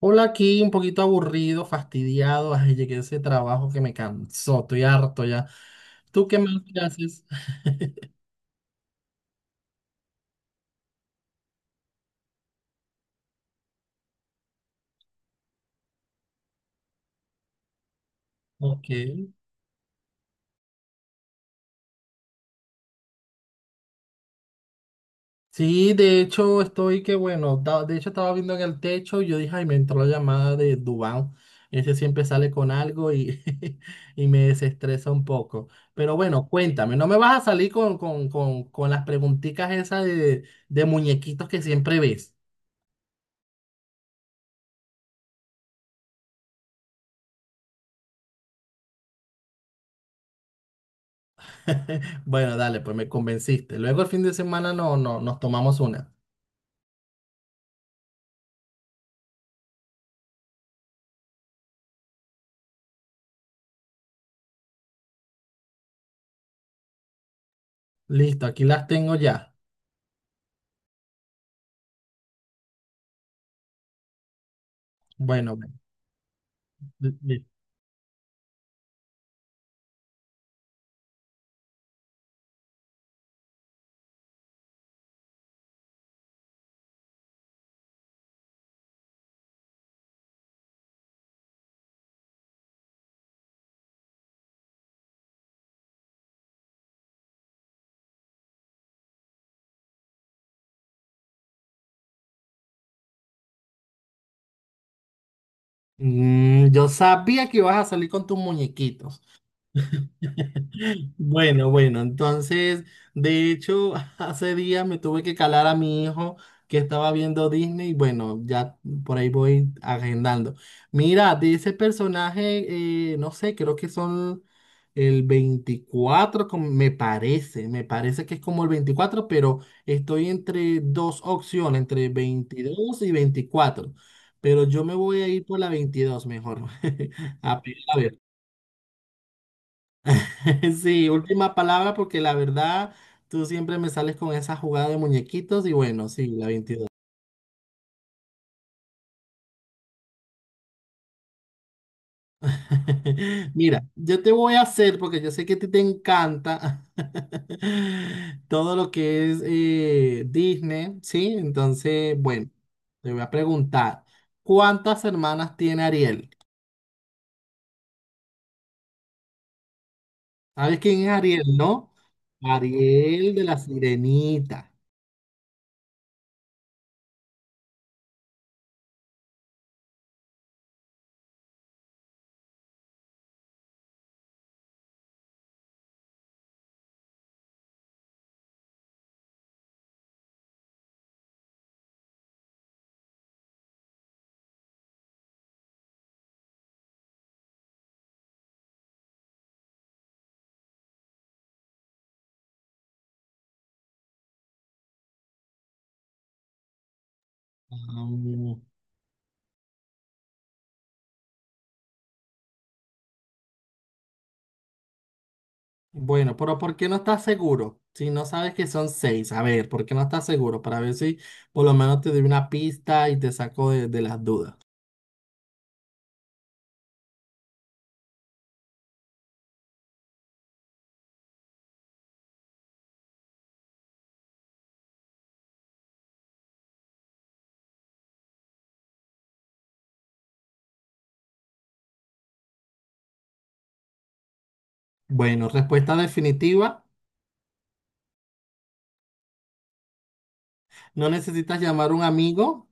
Hola, aquí un poquito aburrido, fastidiado. Ay, llegué a ese trabajo que me cansó, estoy harto ya. ¿Tú qué más que haces? Ok. Sí, de hecho estoy que bueno, de hecho estaba viendo en el techo y yo dije, ay, me entró la llamada de Dubán. Ese siempre sale con algo y, y me desestresa un poco. Pero bueno, cuéntame, no me vas a salir con, con, las preguntitas esas de muñequitos que siempre ves. Bueno, dale, pues me convenciste. Luego el fin de semana no nos tomamos una. Listo, aquí las tengo ya. Bueno, bueno, li- li- yo sabía que ibas a salir con tus muñequitos. Bueno, bueno, entonces, de hecho, hace días me tuve que calar a mi hijo que estaba viendo Disney. Bueno, ya por ahí voy agendando. Mira, de ese personaje, no sé, creo que son el 24, me parece que es como el 24, pero estoy entre dos opciones, entre veintidós y 24. Pero yo me voy a ir por la 22, mejor. A ver, sí, última palabra porque la verdad tú siempre me sales con esa jugada de muñequitos y bueno, sí, la 22. Mira, yo te voy a hacer porque yo sé que a ti te encanta todo lo que es Disney, ¿sí? Entonces, bueno, te voy a preguntar, ¿cuántas hermanas tiene Ariel? ¿Sabes quién es Ariel, no? Ariel de la Sirenita. Ah, bueno, pero ¿por qué no estás seguro? Si no sabes que son seis, a ver, ¿por qué no estás seguro? Para ver si por lo menos te doy una pista y te saco de las dudas. Bueno, respuesta definitiva. No necesitas llamar a un amigo.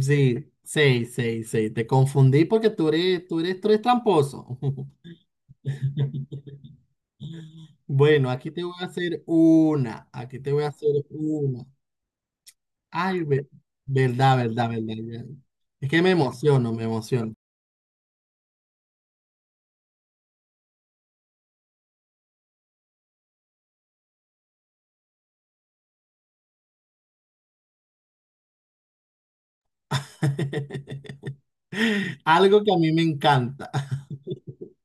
Sí, seis, seis, seis. Te confundí porque tú eres, tú eres tramposo. Bueno, aquí te voy a hacer una. Aquí te voy a hacer una. Ay, verdad, verdad, verdad. Ya. Es que me emociono, me emociono. Algo que a mí me encanta.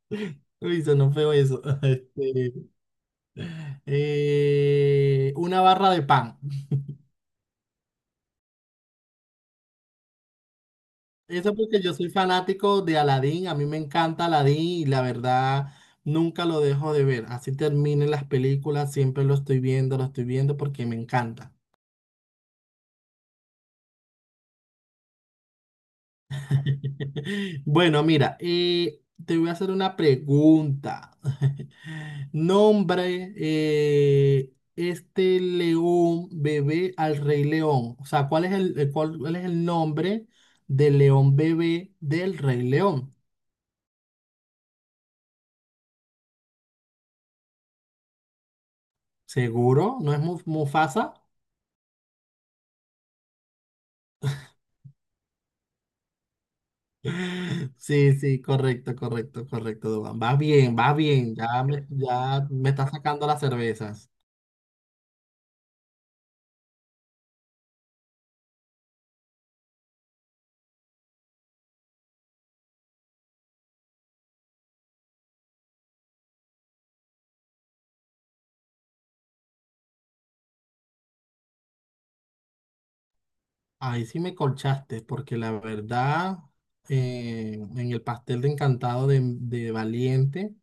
Uy, sonó feo eso. Este, una barra de pan. Eso porque yo soy fanático de Aladdin. A mí me encanta Aladdin y la verdad nunca lo dejo de ver. Así terminen las películas, siempre lo estoy viendo porque me encanta. Bueno, mira, te voy a hacer una pregunta. Nombre, este león bebé al rey león. O sea, ¿cuál es el, cuál es el nombre del león bebé del rey león? ¿Seguro? ¿No es Mufasa? Sí, sí, correcto, correcto, correcto, Duván. Vas bien, va bien. Ya me está sacando las cervezas. Ahí sí me colchaste, porque la verdad, en el pastel de encantado de Valiente,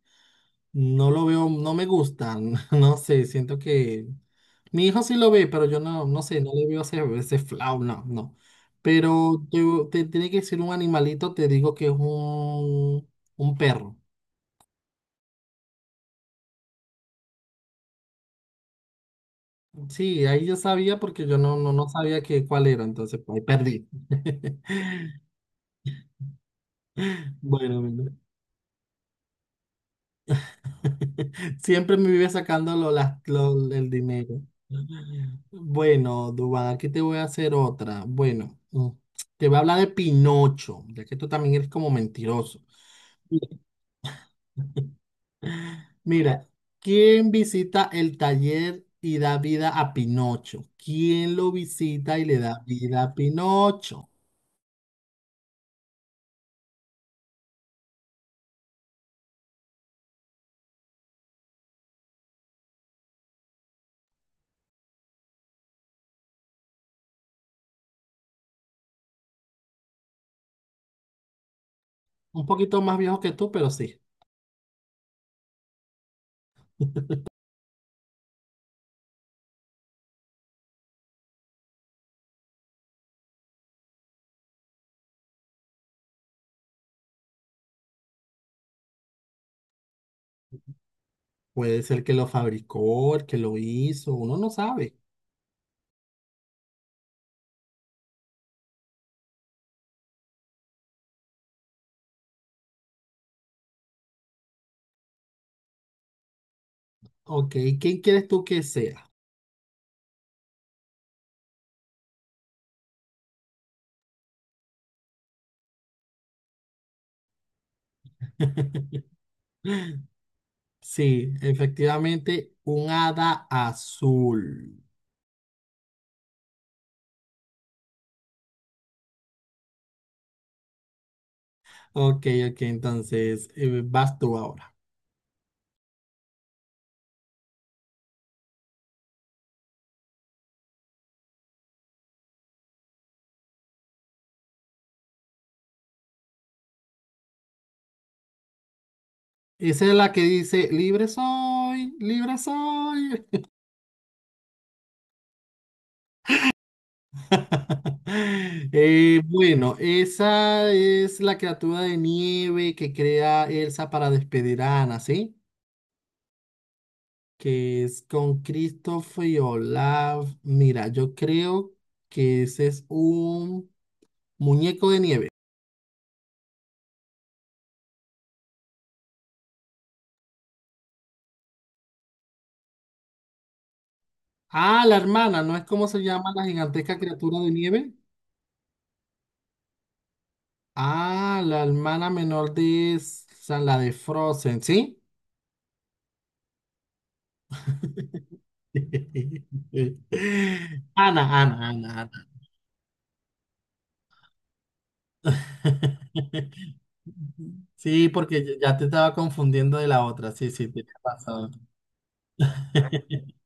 no lo veo, no me gusta, no sé, siento que mi hijo sí lo ve, pero yo no, no sé, no le veo ese, ese flau, no, no. Te tiene que decir un animalito, te digo que es un perro. Sí, ahí yo sabía porque yo no sabía que, cuál era, entonces pues, ahí perdí. Bueno, siempre me vive sacándolo el dinero. Bueno, Dubán, aquí te voy a hacer otra. Bueno, te voy a hablar de Pinocho, ya que tú también eres como mentiroso. Mira, ¿quién visita el taller y da vida a Pinocho? ¿Quién lo visita y le da vida a Pinocho? Un poquito más viejo que tú, pero sí. Puede ser que lo fabricó, el que lo hizo, uno no sabe. Ok, ¿quién quieres tú que sea? Sí, efectivamente, un hada azul. Ok, ok, entonces vas tú ahora. Esa es la que dice, libre soy, libre soy. Bueno, esa es la criatura de nieve que crea Elsa para despedir a Ana, ¿sí? Que es con Christopher y Olaf. Mira, yo creo que ese es un muñeco de nieve. Ah, la hermana, ¿no es como se llama la gigantesca criatura de nieve? Ah, la hermana menor de esa, la de Frozen, ¿sí? Ana, Ana, Ana, Ana. Sí, porque ya te estaba confundiendo de la otra. Sí, sí, te pasado.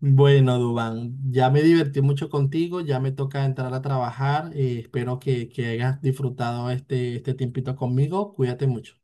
Bueno, Dubán, ya me divertí mucho contigo, ya me toca entrar a trabajar. Espero que hayas disfrutado este, este tiempito conmigo. Cuídate mucho.